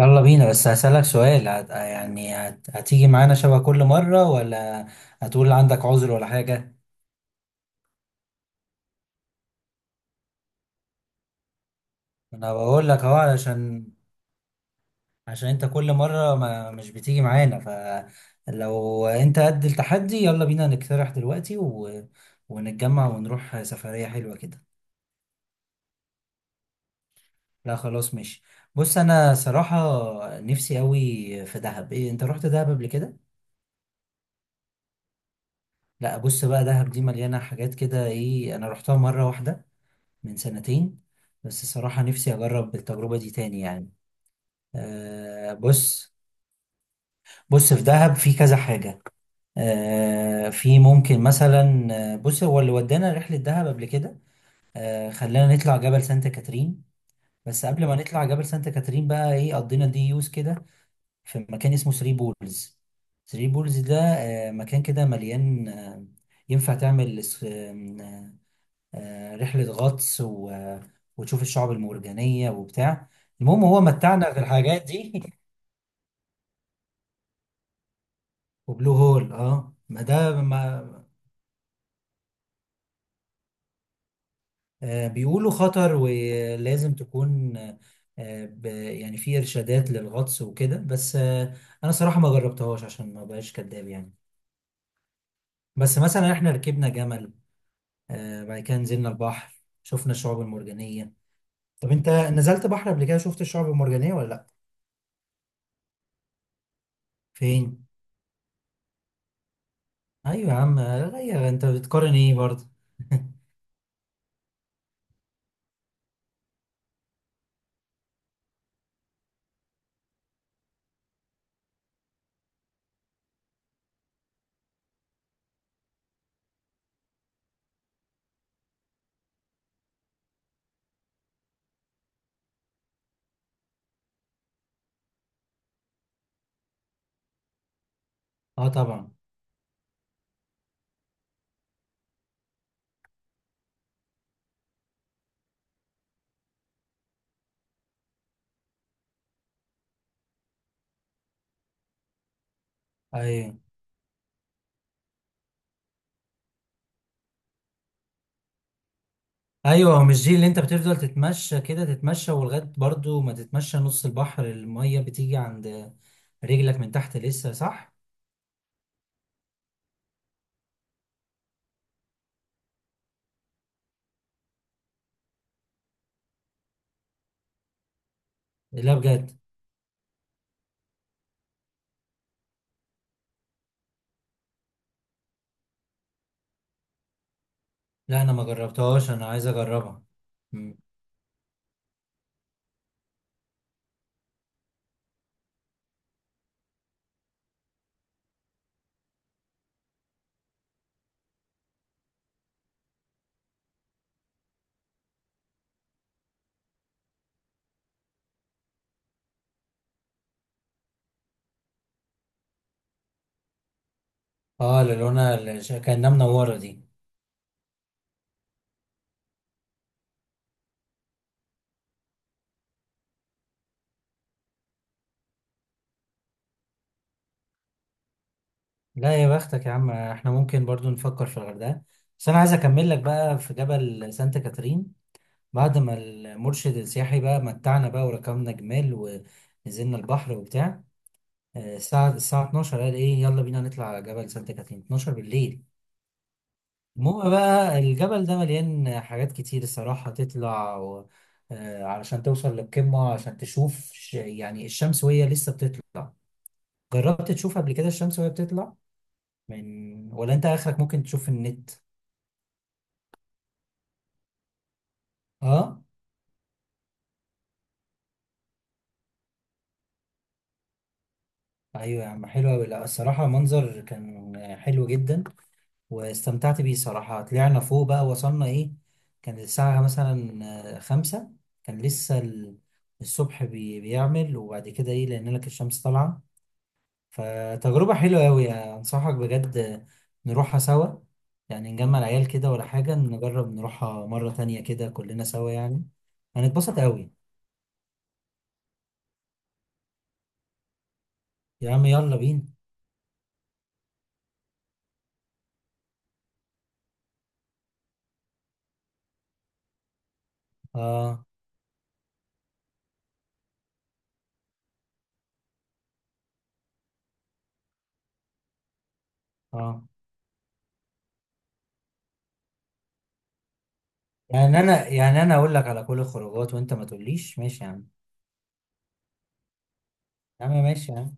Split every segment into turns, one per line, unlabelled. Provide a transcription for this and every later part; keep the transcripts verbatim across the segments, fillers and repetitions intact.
يلا بينا، بس هسألك سؤال. هت... يعني هت... هتيجي معانا شبه كل مرة، ولا هتقول عندك عذر ولا حاجة؟ انا بقول لك اهو علشان عشان انت كل مرة ما مش بتيجي معانا. فلو انت قد التحدي، يلا بينا نقترح دلوقتي و... ونتجمع ونروح سفرية حلوة كده. لا خلاص، ماشي. بص، انا صراحة نفسي قوي في دهب. ايه، انت رحت دهب قبل كده؟ لا بص بقى، دهب دي مليانة حاجات كده. ايه، انا رحتها مرة واحدة من سنتين، بس الصراحة نفسي أجرب التجربة دي تاني يعني. أه بص. بص، في دهب في كذا حاجة. أه في ممكن مثلا آه، بص، هو اللي ودانا رحلة دهب قبل كده. أه، خلانا نطلع جبل سانت كاترين. بس قبل ما نطلع جبل سانت كاترين بقى، إيه، قضينا دي يوز كده في مكان اسمه ثري بولز. ثري بولز ده أه، مكان كده مليان آه، ينفع تعمل آه، رحلة غطس و... وتشوف الشعب المرجانية وبتاع. المهم، هو متعنا في الحاجات دي وبلو هول، اه، ما ده ما آه، بيقولوا خطر، ولازم تكون آه، ب... يعني في إرشادات للغطس وكده، بس آه، أنا صراحة ما جربتهاش عشان ما بقاش كداب يعني. بس مثلا احنا ركبنا جمل. آه، بعد كده نزلنا البحر، شفنا الشعاب المرجانية. طب انت نزلت بحر قبل كده، شفت الشعاب المرجانية ولا لأ؟ فين؟ ايوه يا عم، غير انت بتقارن ايه برضه؟ اه طبعا. ايوه ايوه، هو مش دي اللي انت بتفضل تتمشى كده تتمشى، ولغايه برضه ما تتمشى نص البحر، الميه بتيجي عند رجلك من تحت لسه، صح؟ لا بجد؟ لا انا ما جربتهاش، انا عايز اجربها. مم. اه، للونة اللي ش- كأنها منورة دي. لا يا بختك يا عم، احنا ممكن برضو نفكر في الغردقة. بس انا عايز اكمل لك بقى في جبل سانت كاترين. بعد ما المرشد السياحي بقى متعنا بقى، وركبنا جمال ونزلنا البحر وبتاع. آه، الساعة الساعة اتناشر، قال ايه، يلا بينا نطلع على جبل سانت كاترين. اتناشر بالليل! المهم بقى، الجبل ده مليان حاجات كتير الصراحة. تطلع و... آه، علشان توصل للقمة، عشان تشوف ش... يعني الشمس وهي لسه بتطلع. جربت تشوف قبل كده الشمس وهي بتطلع من؟ ولا انت اخرك ممكن تشوف في النت. اه، ايوه يا عم، حلوة أوي. لا الصراحة منظر كان حلو جدا، واستمتعت بيه صراحة. طلعنا فوق بقى، وصلنا ايه، كان الساعة مثلا آه، خمسة، كان لسه ال- الصبح بي بيعمل، وبعد كده ايه، لأن لك الشمس طالعة. فتجربة حلوة أوي، أنصحك بجد. آه، نروحها سوا، يعني نجمع العيال كده ولا حاجة، نجرب نروحها مرة تانية كده كلنا سوا يعني. هنتبسط أوي. يا عم يلا بينا. اه اه، يعني أنا، يعني أنا أقول لك على كل الخروجات وأنت ما تقوليش ماشي يا عم. يا عم ماشي يا عم.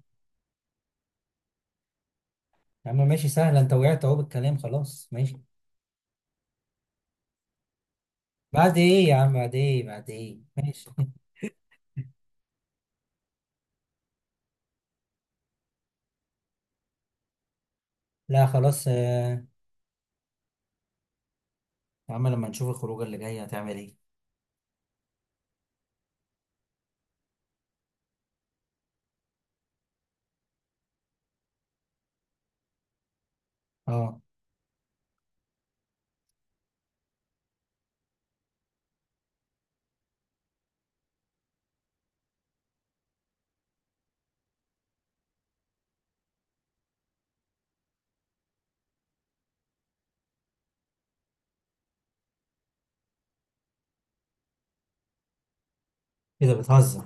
يا عم ماشي، سهل، انت وقعت اهو بالكلام، خلاص ماشي. بعد ايه يا عم بعد ايه بعد ايه ماشي لا خلاص. آه، يا عم لما نشوف الخروجه اللي جايه، هتعمل ايه. اه، ايه ده، بتهزر؟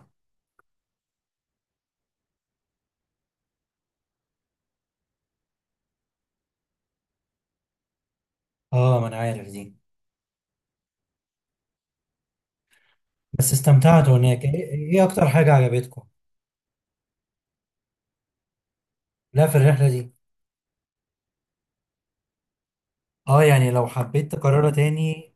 اه ما انا عارف دي. بس استمتعت هناك، ايه؟ ايه اكتر حاجه عجبتكم؟ لا، في الرحله دي. اه، يعني لو حبيت تكررها تاني؟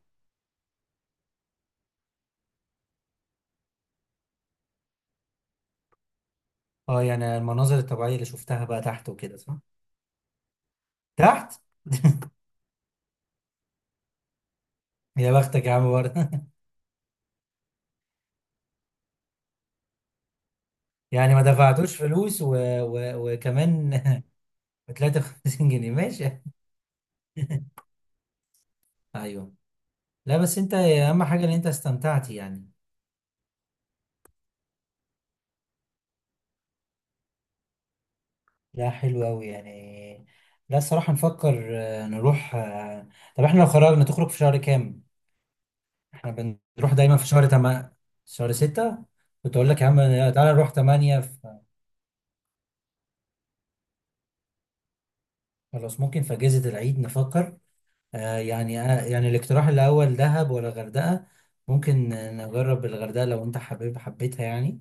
اه، يعني المناظر الطبيعيه اللي شفتها بقى تحت وكده، صح؟ تحت يا بختك يا عم برضه يعني ما دفعتوش فلوس و... و... وكمان ب ثلاثة وخمسين جنيه، ماشي. ايوه. لا بس انت، اهم حاجة ان انت استمتعت يعني. لا حلو قوي يعني. لا الصراحة نفكر آه، نروح آه، طب احنا لو خرجنا، تخرج في شهر كام؟ احنا بنروح دايما في شهر تم... شهر ستة. كنت اقول لك يا عم، تعالى نروح تمانية في... خلاص، ممكن في اجازة العيد نفكر. آه يعني، آه يعني، الاقتراح الاول دهب ولا غردقة؟ ممكن آه، نجرب الغردقة، لو انت حبيب حبيتها يعني.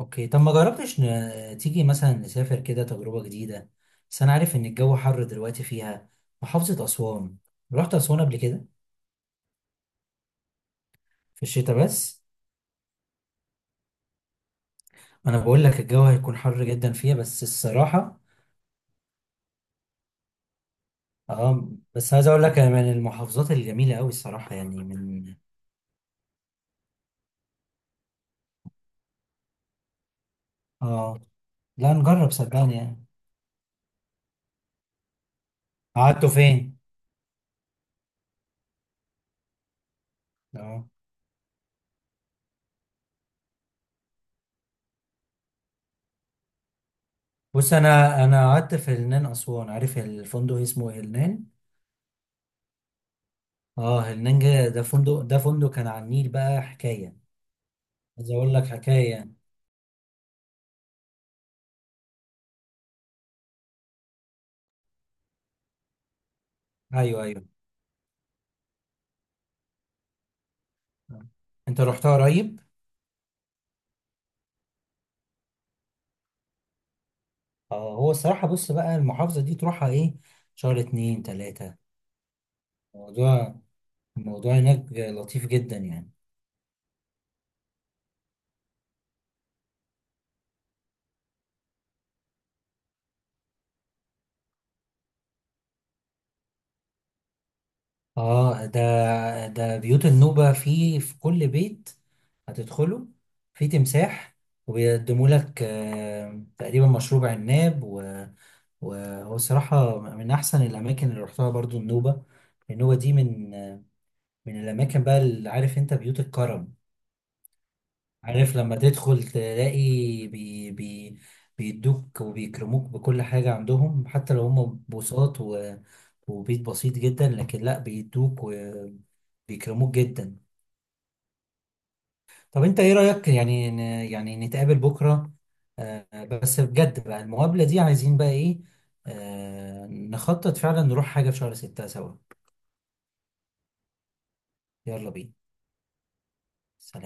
اوكي، طب ما جربتش، ن... تيجي مثلا نسافر كده تجربة جديدة. بس انا عارف ان الجو حر دلوقتي فيها. محافظة اسوان، رحت اسوان قبل كده؟ في الشتاء بس. انا بقول لك الجو هيكون حر جدا فيها، بس الصراحة، اه، بس عايز اقول لك هي من المحافظات الجميلة قوي الصراحة يعني، من، اه، لا، نجرب صدقني يعني. قعدتوا فين؟ اه بص، انا انا قعدت في هلنان اسوان. عارف الفندق اسمه هلنان؟ اه، هلنان، جا- ده فندق ده فندق كان على النيل بقى حكاية. عايز اقول لك حكايه. ايوه ايوه، انت رحتها قريب؟ اه، هو الصراحه بص بقى، المحافظه دي تروحها ايه، شهر اتنين تلاته. الموضوع الموضوع هناك لطيف جدا يعني. اه ده، ده بيوت النوبه، في في كل بيت هتدخله في تمساح. وبيقدموا لك آه، تقريبا مشروب عناب و وهو الصراحة من أحسن الأماكن اللي رحتها برضو، النوبة النوبة دي من من الأماكن بقى اللي، عارف أنت، بيوت الكرم. عارف لما تدخل تلاقي، بي بي بيدوك وبيكرموك بكل حاجة عندهم، حتى لو هم بوساط و... وبيت بسيط جدا، لكن لا بيدوك وبيكرموك جدا. طب انت ايه رأيك يعني، ن... يعني نتقابل بكرة؟ آه بس بجد بقى، المقابلة دي عايزين بقى ايه، آه، نخطط فعلا نروح حاجة في شهر ستة سوا. يلا بينا. سلام.